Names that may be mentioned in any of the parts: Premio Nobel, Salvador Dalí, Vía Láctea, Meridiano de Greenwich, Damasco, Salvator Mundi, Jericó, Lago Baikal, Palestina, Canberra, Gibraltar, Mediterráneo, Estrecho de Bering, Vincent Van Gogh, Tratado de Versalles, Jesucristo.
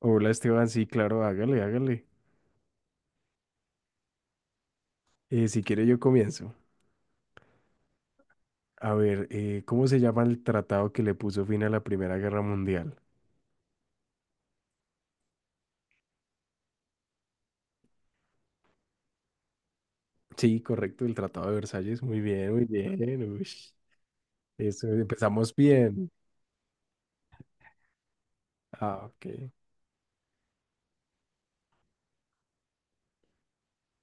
Hola Esteban, sí, claro, hágale, hágale. Si quiere yo comienzo. A ver, ¿cómo se llama el tratado que le puso fin a la Primera Guerra Mundial? Sí, correcto, el Tratado de Versalles. Muy bien, muy bien. Ush. Eso, empezamos bien. Ah, ok.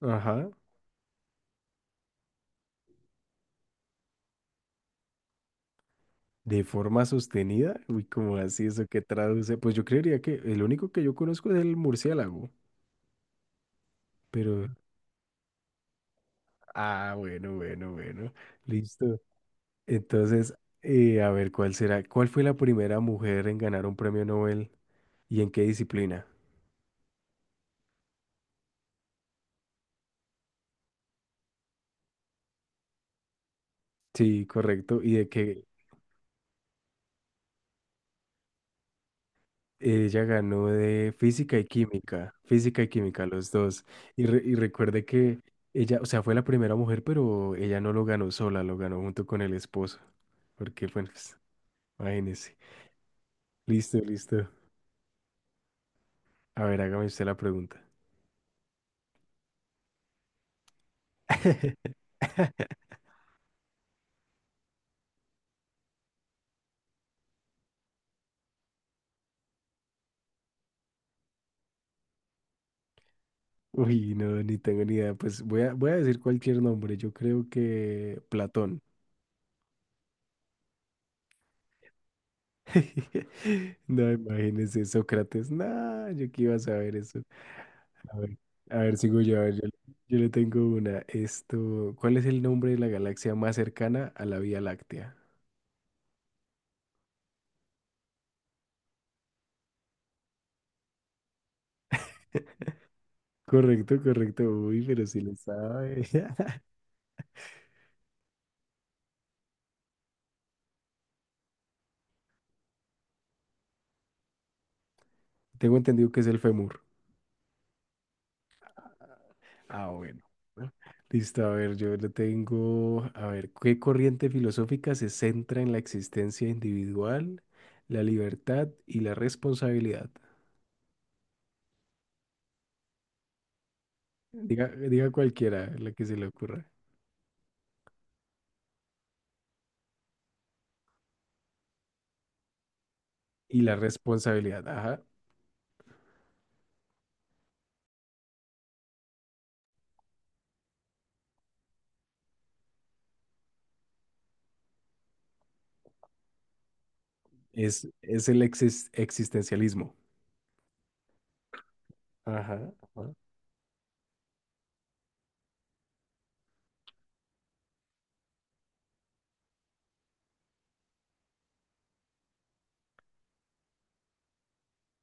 Ajá. De forma sostenida, uy, ¿como así eso que traduce? Pues yo creería que el único que yo conozco es el murciélago, pero. Ah, bueno, bueno, bueno, listo. Entonces, a ver, ¿cuál será? ¿Cuál fue la primera mujer en ganar un premio Nobel y en qué disciplina? Sí, correcto, y de que ella ganó de física y química, los dos. Y recuerde que ella, o sea, fue la primera mujer, pero ella no lo ganó sola, lo ganó junto con el esposo, porque, bueno, pues. Imagínese. Listo, listo. A ver, hágame usted la pregunta. Uy, no, ni tengo ni idea. Pues voy a decir cualquier nombre. Yo creo que Platón. No, imagínese, Sócrates. No, yo que iba a saber eso. A ver, a ver, sigo yo. A ver, yo le tengo una. Esto, ¿cuál es el nombre de la galaxia más cercana a la Vía Láctea? Correcto, correcto. Uy, pero si le sabe. Tengo entendido que es el fémur. Ah, bueno. ¿No? Listo, a ver, yo lo tengo. A ver, ¿qué corriente filosófica se centra en la existencia individual, la libertad y la responsabilidad? Diga, diga cualquiera la que se le ocurra. Y la responsabilidad, ajá. Es el existencialismo. Ajá, ajá.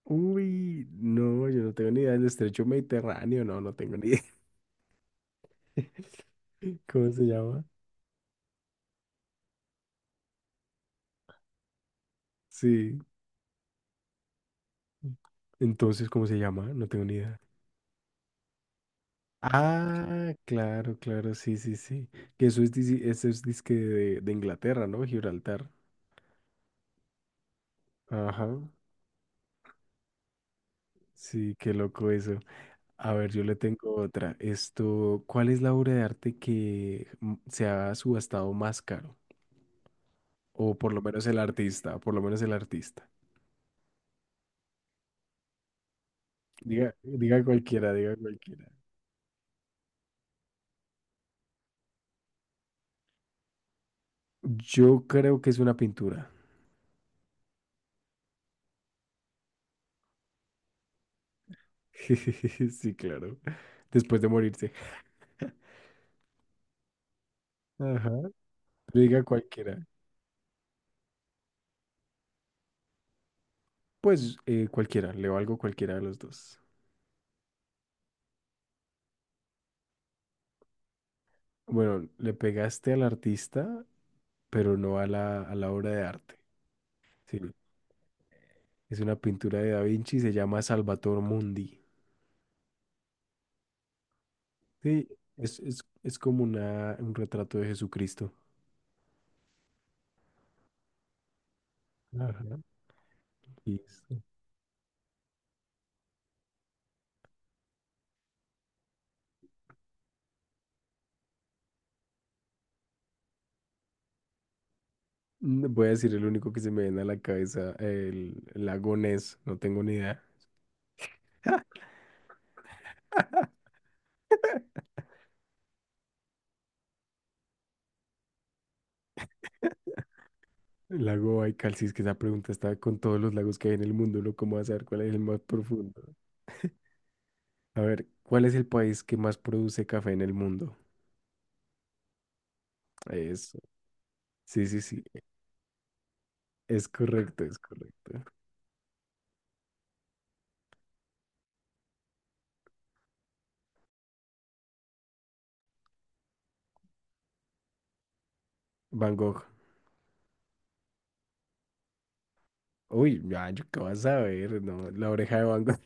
Uy, no, yo no tengo ni idea del estrecho Mediterráneo, no, no tengo ni idea. ¿Cómo se llama? Sí. Entonces, ¿cómo se llama? No tengo ni idea. Ah, claro, claro, sí, sí, sí. Que eso es disque de Inglaterra, ¿no? Gibraltar. Ajá. Sí, qué loco eso. A ver, yo le tengo otra. Esto, ¿cuál es la obra de arte que se ha subastado más caro? O por lo menos el artista, por lo menos el artista. Diga, diga cualquiera, diga cualquiera. Yo creo que es una pintura. Sí, claro. Después de morirse. Ajá. Diga cualquiera. Pues cualquiera, leo algo cualquiera de los dos. Bueno, le pegaste al artista, pero no a la obra de arte. Sí, es una pintura de Da Vinci, se llama Salvator Mundi. Sí, es como un retrato de Jesucristo. Ajá. Listo. Voy a decir el único que se me viene a la cabeza, el lago Ness, no tengo ni idea. El lago Baikal, si es que esa pregunta está con todos los lagos que hay en el mundo, ¿no? ¿Cómo vas a saber cuál es el más profundo? A ver, ¿cuál es el país que más produce café en el mundo? Eso. Sí, sí, sí. Es correcto, es correcto. Van Gogh. Uy, ya, yo qué vas a ver, no, la oreja de Van Gogh.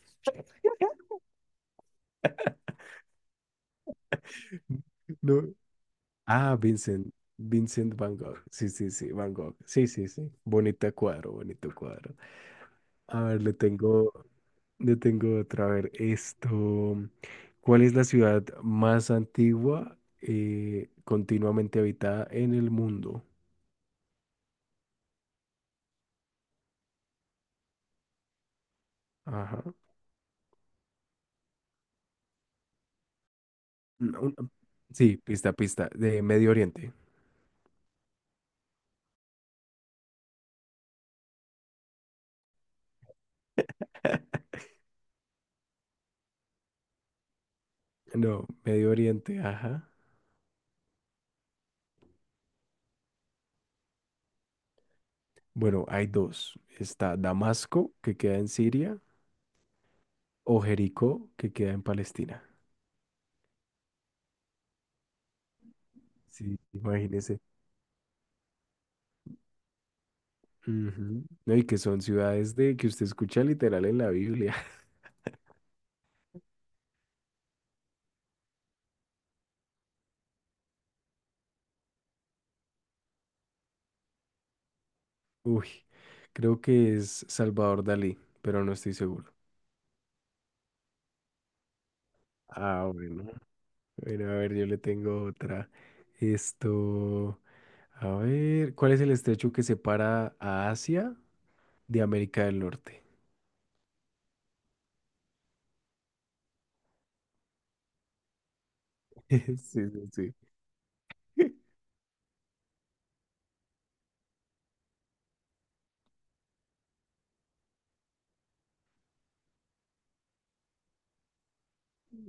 No. Ah, Vincent. Vincent Van Gogh. Sí, sí, sí, Van Gogh. Sí, sí, sí. Bonito cuadro, bonito cuadro. A ver, le tengo otra. A ver, esto. ¿Cuál es la ciudad más antigua continuamente habitada en el mundo? Ajá. Mm, un- Sí, pista, pista, de Medio Oriente. No, Medio Oriente, ajá. Bueno, hay dos. Está Damasco, que queda en Siria, o Jericó, que queda en Palestina. Sí, imagínese. Ujú. No, y que son ciudades de que usted escucha literal en la Biblia. Uy, creo que es Salvador Dalí, pero no estoy seguro. Ah, bueno. Bueno, a ver, yo le tengo otra. Esto, a ver, ¿cuál es el estrecho que separa a Asia de América del Norte? Sí, sí, sí.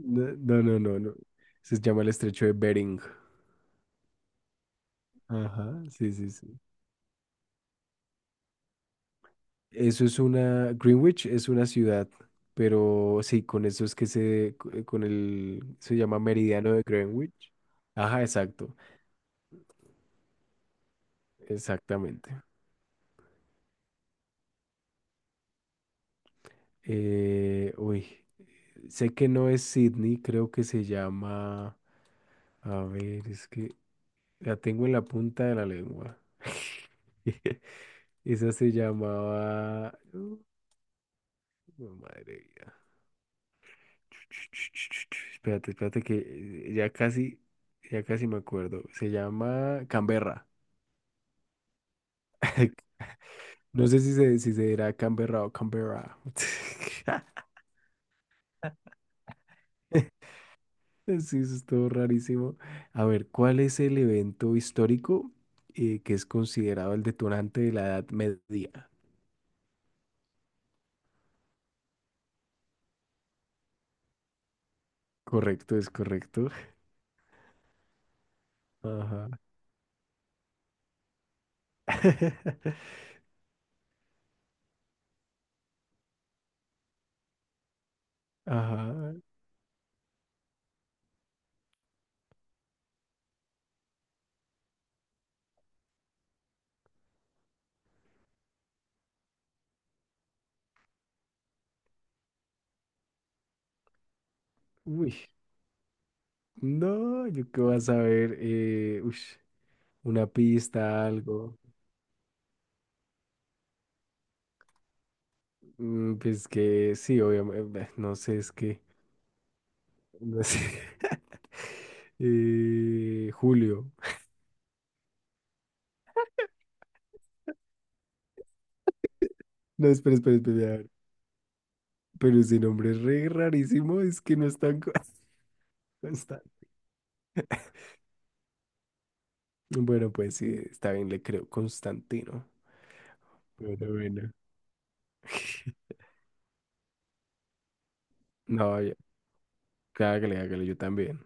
No, no, no, no, no. Se llama el estrecho de Bering. Ajá, sí, sí, sí. Greenwich es una ciudad, pero sí, con eso es que se, co- con el, se llama Meridiano de Greenwich. Ajá, exacto, exactamente. Uy, sé que no es Sydney, creo que se llama, a ver, es que la tengo en la punta de la lengua. Esa se llamaba, madre mía. Espérate, espérate que eh, ya casi, ya casi me acuerdo. Se llama Canberra. No sé si se dirá Canberra o Canberra. Sí, eso estuvo rarísimo. A ver, ¿cuál es el evento histórico que es considerado el detonante de la Edad Media? Correcto, es correcto. Ajá. Ajá. Uy. No, yo qué vas a ver. Ush, una pista, algo. Pues que sí, obviamente, no sé, es que, no sé. Julio. No, espera, espera, espera. A ver. Pero ese nombre es re rarísimo, es que no es tan constante. Bueno, pues sí, está bien, le creo Constantino. Bueno, bueno. No, ya, hágale, hágale, yo también.